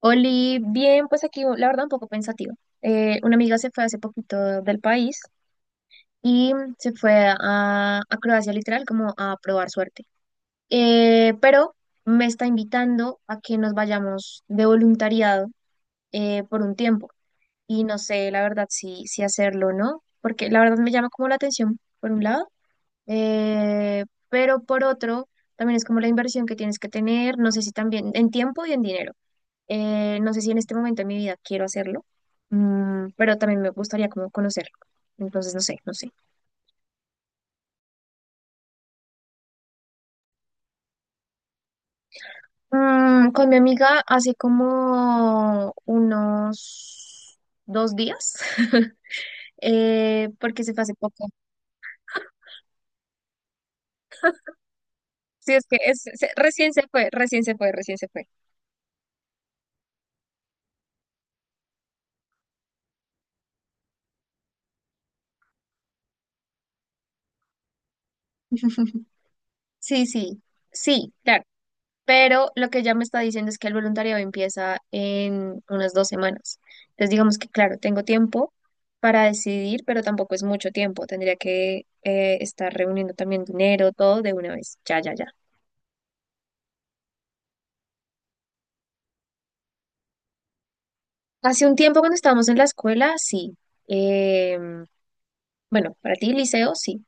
Oli, bien, pues aquí la verdad un poco pensativa. Una amiga se fue hace poquito del país y se fue a Croacia literal como a probar suerte. Pero me está invitando a que nos vayamos de voluntariado por un tiempo y no sé la verdad si hacerlo o no, porque la verdad me llama como la atención por un lado, eh, pero por otro también es como la inversión que tienes que tener, no sé si también en tiempo y en dinero. No sé si en este momento de mi vida quiero hacerlo, pero también me gustaría como conocerlo. Entonces, no sé, no sé. Con mi amiga hace como unos 2 días, porque se fue hace poco. Sí, es que recién se fue, recién se fue, recién se fue. Sí, sí, sí, claro. Pero lo que ella me está diciendo es que el voluntariado empieza en unas 2 semanas. Entonces, digamos que, claro, tengo tiempo para decidir, pero tampoco es mucho tiempo. Tendría que estar reuniendo también dinero, todo de una vez. Ya, ya, ya. Hace un tiempo cuando estábamos en la escuela, sí. Em, bueno, para ti, liceo, sí.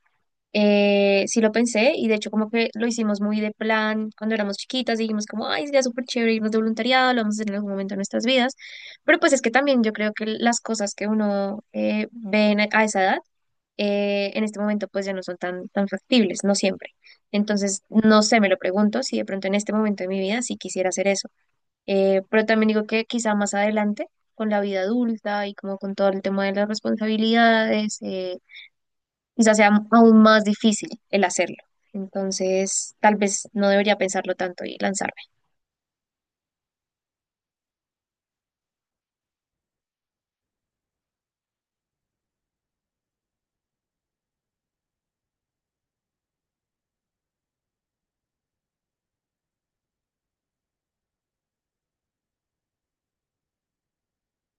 Sí lo pensé y de hecho como que lo hicimos muy de plan cuando éramos chiquitas, dijimos como, ay, sería súper chévere irnos de voluntariado, lo vamos a hacer en algún momento de nuestras vidas, pero pues es que también yo creo que las cosas que uno ve a esa edad, en este momento pues ya no son tan factibles, no siempre. Entonces, no sé, me lo pregunto si de pronto en este momento de mi vida sí quisiera hacer eso. Pero también digo que quizá más adelante, con la vida adulta y como con todo el tema de las responsabilidades, quizás sea aún más difícil el hacerlo. Entonces, tal vez no debería pensarlo tanto y lanzarme.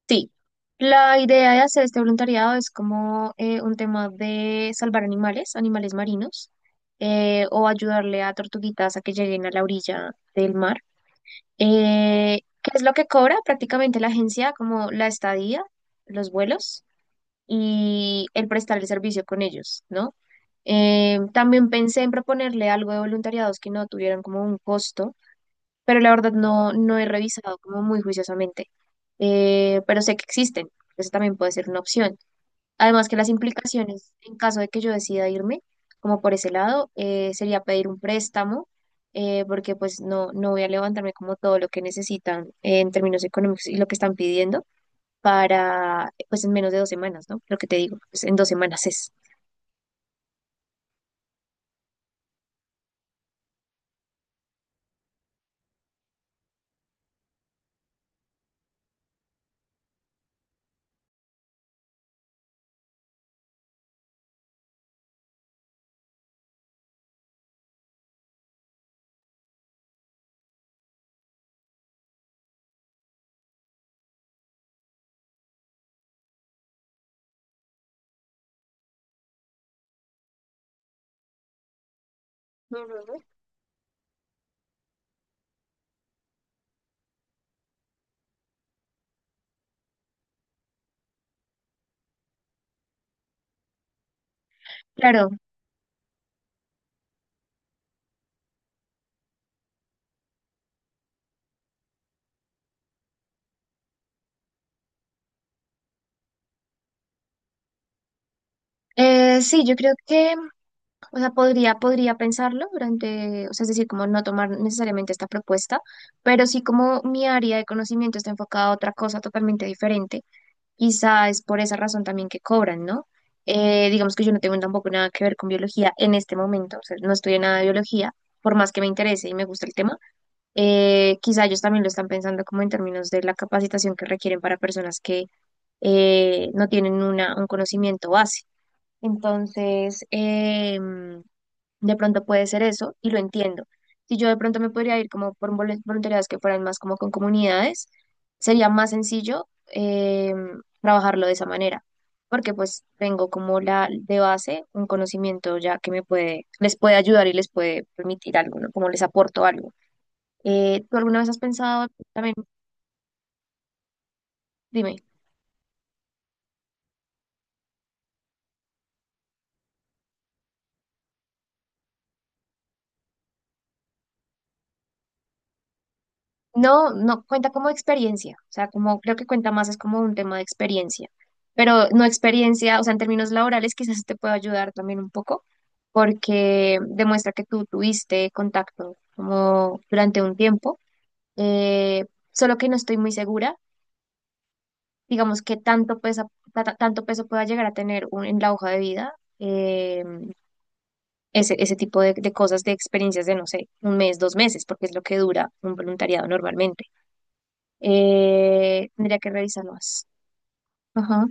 Sí, la idea de hacer este voluntariado es como un tema de salvar animales, animales marinos, o ayudarle a tortuguitas a que lleguen a la orilla del mar. ¿Qué es lo que cobra prácticamente la agencia? Como la estadía, los vuelos y el prestarle servicio con ellos, ¿no? También pensé en proponerle algo de voluntariados que no tuvieran como un costo, pero la verdad no, no he revisado como muy juiciosamente. Pero sé que existen, eso también puede ser una opción. Además que las implicaciones en caso de que yo decida irme, como por ese lado, sería pedir un préstamo, porque pues no, no voy a levantarme como todo lo que necesitan en términos económicos y lo que están pidiendo para, pues en menos de 2 semanas, ¿no? Lo que te digo, pues en 2 semanas es. Ujú. Claro, sí, yo creo que, o sea, podría pensarlo durante, o sea, es decir, como no tomar necesariamente esta propuesta, pero sí como mi área de conocimiento está enfocada a otra cosa totalmente diferente, quizá es por esa razón también que cobran, ¿no? Digamos que yo no tengo tampoco nada que ver con biología en este momento, o sea, no estudié nada de biología, por más que me interese y me gusta el tema. Quizá ellos también lo están pensando como en términos de la capacitación que requieren para personas que no tienen un conocimiento base. Entonces, de pronto puede ser eso y lo entiendo. Si yo de pronto me podría ir como por voluntariados que fueran más como con comunidades, sería más sencillo eh, trabajarlo de esa manera, porque pues tengo como la de base un conocimiento ya que me puede, les puede ayudar y les puede permitir algo, ¿no? Como les aporto algo. ¿Tú alguna vez has pensado también, dime, no, no cuenta como experiencia, o sea, como creo que cuenta más es como un tema de experiencia, pero no experiencia, o sea, en términos laborales quizás sí te pueda ayudar también un poco, porque demuestra que tú tuviste contacto como durante un tiempo, eh, solo que no estoy muy segura, digamos que tanto peso pueda llegar a tener en la hoja de vida. eh, Ese, ese tipo de cosas, de experiencias de, no sé, 1 mes, 2 meses, porque es lo que dura un voluntariado normalmente. Tendría que revisar más. Ajá.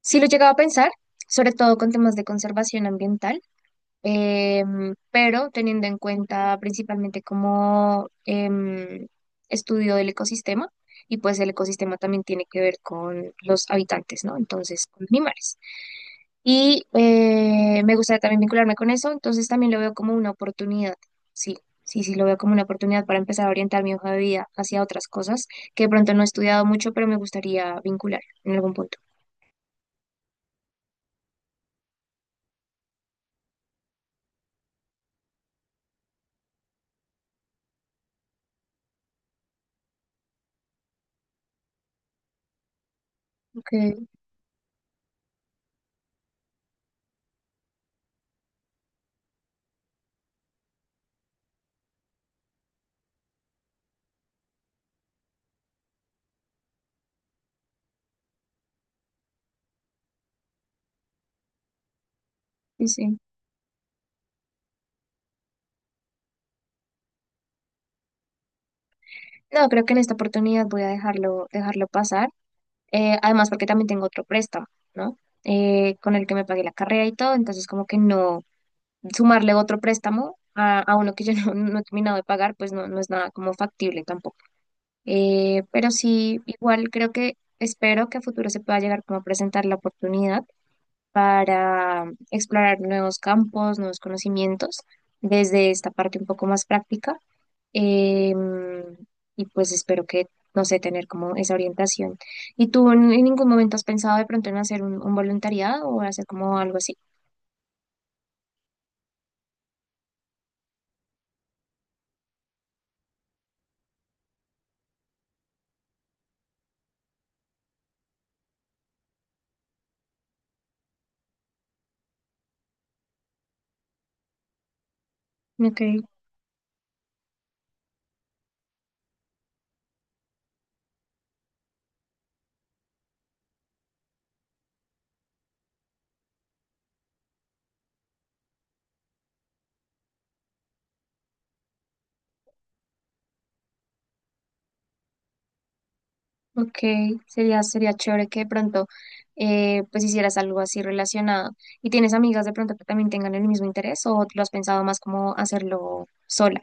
Sí lo llegaba a pensar, sobre todo con temas de conservación ambiental, pero teniendo en cuenta principalmente como estudio del ecosistema, y pues el ecosistema también tiene que ver con los habitantes, ¿no? Entonces, con animales. Y me gustaría también vincularme con eso, entonces también lo veo como una oportunidad, sí, sí, sí, lo veo como una oportunidad para empezar a orientar mi hoja de vida hacia otras cosas que de pronto no he estudiado mucho, pero me gustaría vincular en algún punto. Ok, sí, sí. No, creo que en esta oportunidad voy a dejarlo, dejarlo pasar. Además, porque también tengo otro préstamo, ¿no? Con el que me pagué la carrera y todo, entonces como que no sumarle otro préstamo a uno que yo no, no he terminado de pagar, pues no, no es nada como factible tampoco. Pero sí, igual creo que espero que a futuro se pueda llegar como a presentar la oportunidad para explorar nuevos campos, nuevos conocimientos desde esta parte un poco más práctica. Em, y pues espero que, no sé, tener como esa orientación. ¿Y tú en ningún momento has pensado de pronto en hacer un voluntariado o hacer como algo así? Ok, ok, sería, sería chévere que de pronto pues hicieras algo así relacionado. ¿Y tienes amigas de pronto que también tengan el mismo interés o lo has pensado más como hacerlo sola?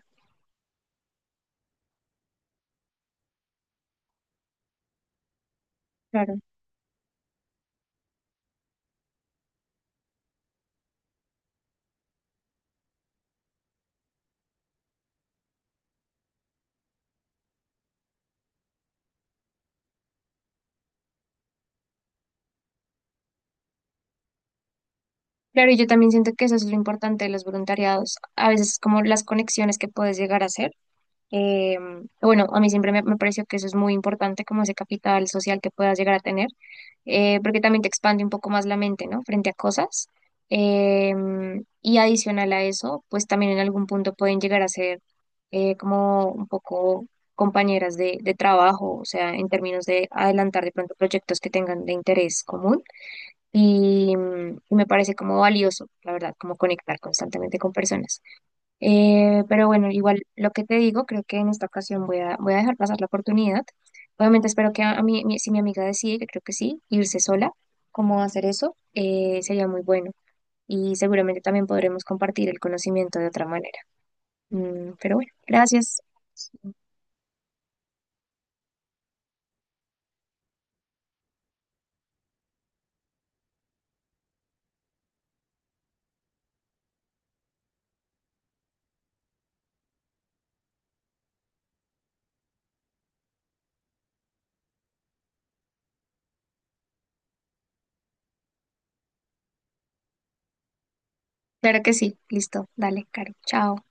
Claro. Claro, y yo también siento que eso es lo importante de los voluntariados, a veces como las conexiones que puedes llegar a hacer. Eh, bueno, a mí siempre me, me pareció que eso es muy importante, como ese capital social que puedas llegar a tener, porque también te expande un poco más la mente, ¿no? Frente a cosas. Eh, y adicional a eso, pues también en algún punto pueden llegar a ser como un poco compañeras de trabajo, o sea, en términos de adelantar de pronto proyectos que tengan de interés común. Y, y me parece como valioso, la verdad, como conectar constantemente con personas. Pero bueno, igual lo que te digo, creo que en esta ocasión voy voy a dejar pasar la oportunidad. Obviamente espero que si mi amiga decide, que creo que sí, irse sola, cómo hacer eso, sería muy bueno. Y seguramente también podremos compartir el conocimiento de otra manera. Mm, pero bueno, gracias. Claro que sí. Listo. Dale, Caro. Chao.